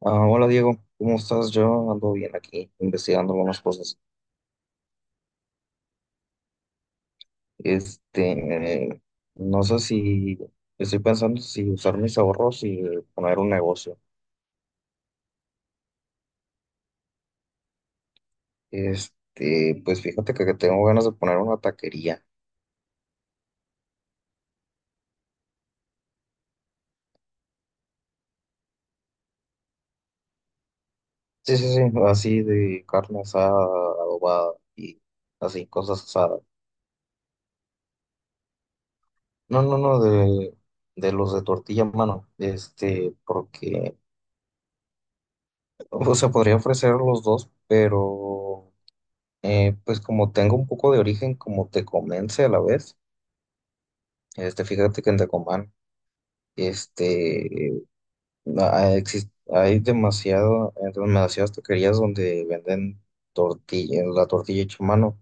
Hola Diego, ¿cómo estás? Yo ando bien aquí investigando algunas cosas. Este, no sé si estoy pensando si usar mis ahorros y poner un negocio. Pues fíjate que tengo ganas de poner una taquería. Sí, sí, sí, así de carne asada, adobada y así, cosas asadas. No, no, no, de los de tortilla en mano. Porque, o sea, podría ofrecer los dos, pero. Pues como tengo un poco de origen, como tecomense a la vez, este, fíjate que en Tecomán, este, hay demasiado, demasiadas taquerías donde venden tortilla, la tortilla hecha a mano,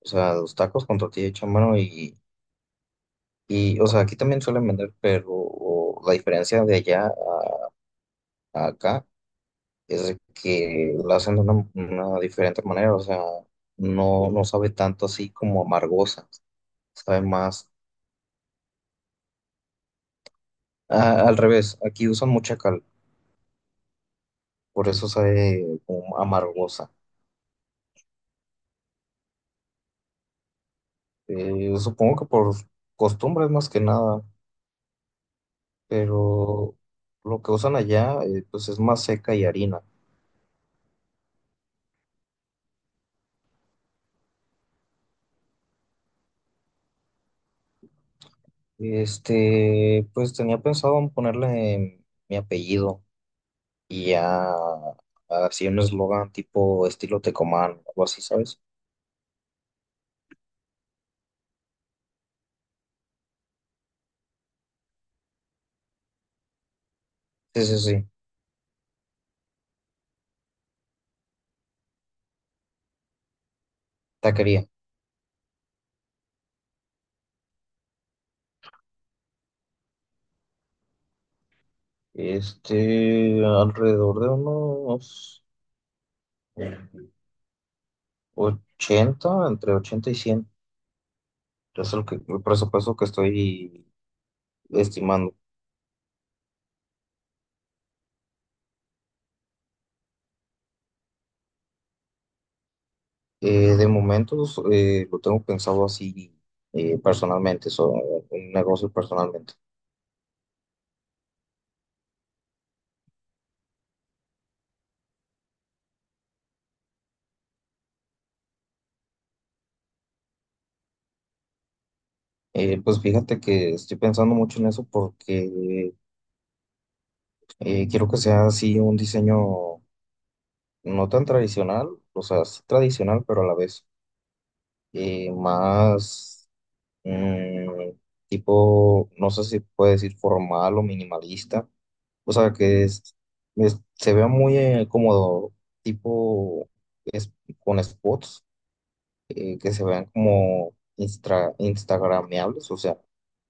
o sea, los tacos con tortilla hecha a mano y o sea, aquí también suelen vender, pero la diferencia de a acá es de que la hacen de una diferente manera, o sea, no, no sabe tanto así como amargosa, sabe más. Ah, al revés, aquí usan mucha cal, por eso sabe como amargosa. Supongo que por costumbres más que nada, pero lo que usan allá pues es más seca y harina. Pues tenía pensado en ponerle mi apellido y ya así un eslogan tipo estilo Tecomán, algo así, ¿sabes? Sí, sí, sí, taquería. Alrededor de unos 80, entre 80 y 100. Es el presupuesto que estoy estimando. De momentos lo tengo pensado así, personalmente, un negocio personalmente. Pues fíjate que estoy pensando mucho en eso porque quiero que sea así un diseño no tan tradicional, o sea, sí tradicional, pero a la vez más, mm, tipo, no sé si puede decir formal o minimalista. O sea, se vea muy como tipo es, con spots que se vean como instagrameables. O sea,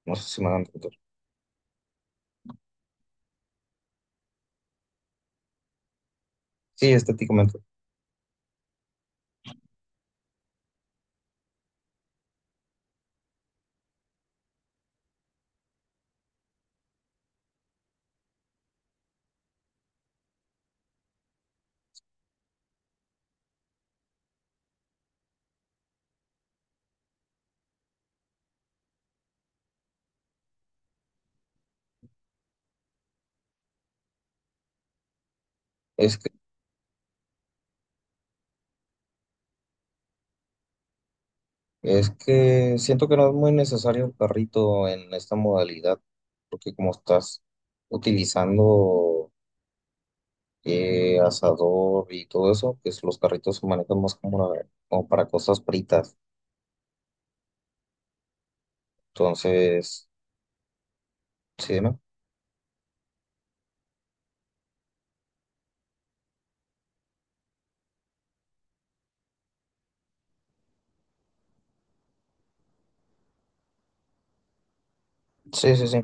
no sé si me van a entender. Sí, estéticamente. Es que, es que siento que no es muy necesario el carrito en esta modalidad, porque como estás utilizando asador y todo eso, pues los carritos se manejan más como, como para cosas fritas. Entonces, sí, ¿no? Sí, sí, sí.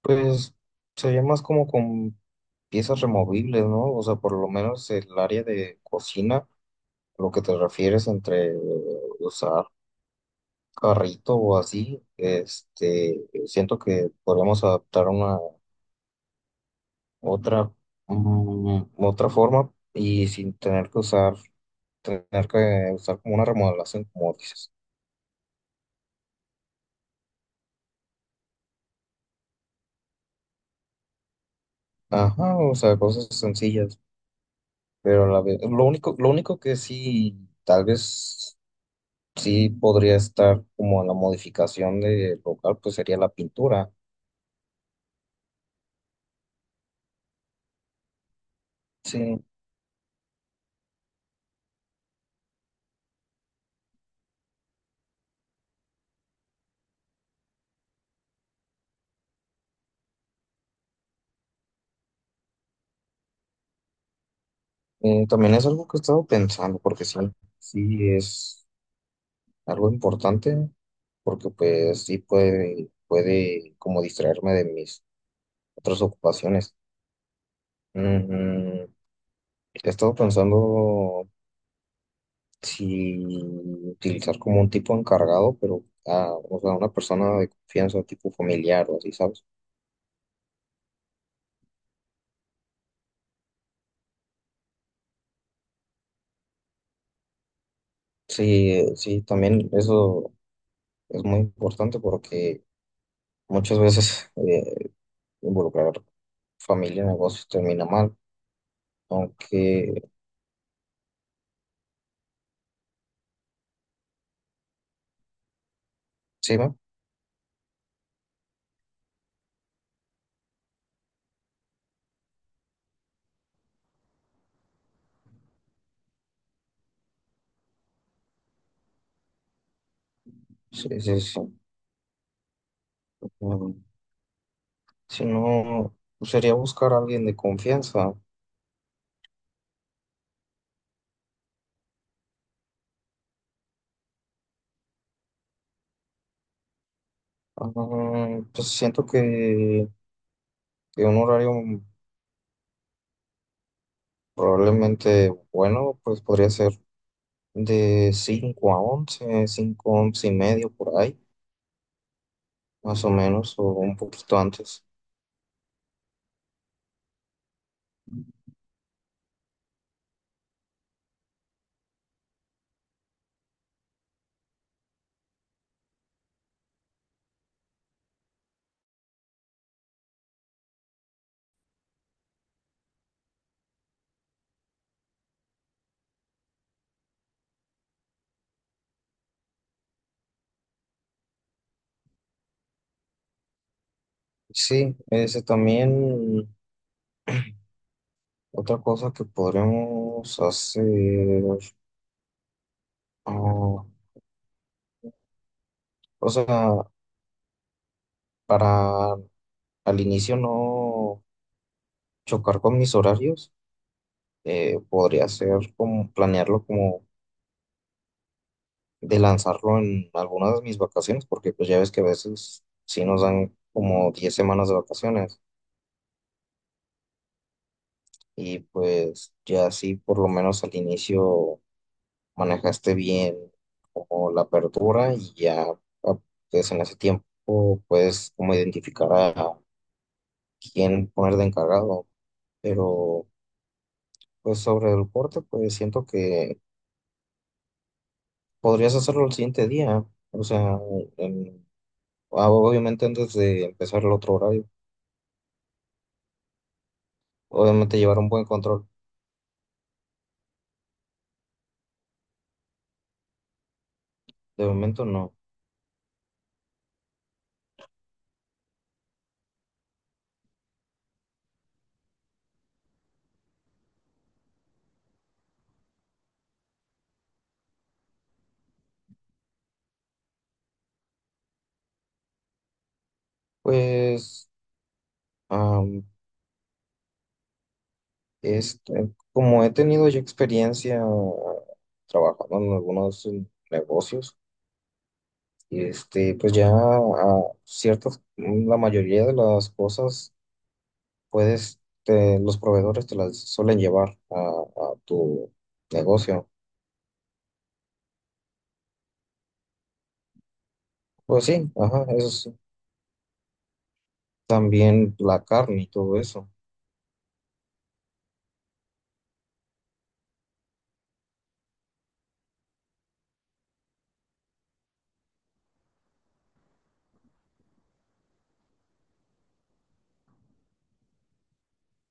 Pues sería más como con piezas removibles, ¿no? O sea, por lo menos el área de cocina, lo que te refieres entre usar carrito o así, siento que podríamos adaptar una otra, otra forma y sin tener que usar tener que usar como una remodelación, como dices. Ajá, o sea, cosas sencillas, pero a la vez, lo único que sí, tal vez sí podría estar como en la modificación del local, pues sería la pintura. Sí, también es algo que he estado pensando, porque sí, sí es algo importante, porque puede como distraerme de mis otras ocupaciones. Mm, he estado pensando si utilizar como un tipo encargado, pero o sea, una persona de confianza, tipo familiar o así, ¿sabes? Sí, sí, también eso. Es muy importante porque muchas veces involucrar familia en negocios termina mal, aunque sí, ¿no? Sí, sí, sí. Mm, si no, pues, sería buscar a alguien de confianza. Pues siento que un horario probablemente bueno, pues podría ser de 5 a 11, 5, 11:30 por ahí, más o menos, o un poquito antes. Sí, ese también. Otra cosa que podremos hacer, ah, o sea, para al inicio no chocar con mis horarios, podría ser como planearlo como de lanzarlo en algunas de mis vacaciones, porque pues ya ves que a veces sí nos dan como 10 semanas de vacaciones y pues ya así por lo menos al inicio manejaste bien como la apertura y ya, ah, pues en ese tiempo puedes como identificar a quién poner de encargado. Pero pues sobre el corte, pues siento que podrías hacerlo el siguiente día. O sea, en- obviamente antes de empezar el otro horario. Obviamente llevar un buen control. De momento no. Pues am, como he tenido ya experiencia trabajando en algunos negocios, pues ya la mayoría de las cosas los proveedores te las suelen llevar a tu negocio. Pues sí, ajá, eso sí. También la carne y todo eso.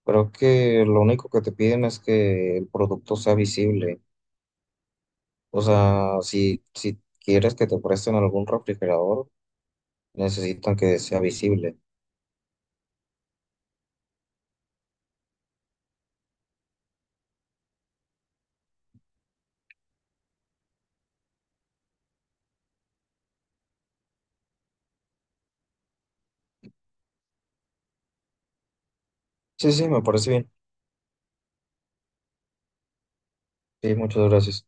Creo que lo único que te piden es que el producto sea visible. O sea, si quieres que te presten algún refrigerador, necesitan que sea visible. Sí, sí, me parece bien. Sí, muchas gracias.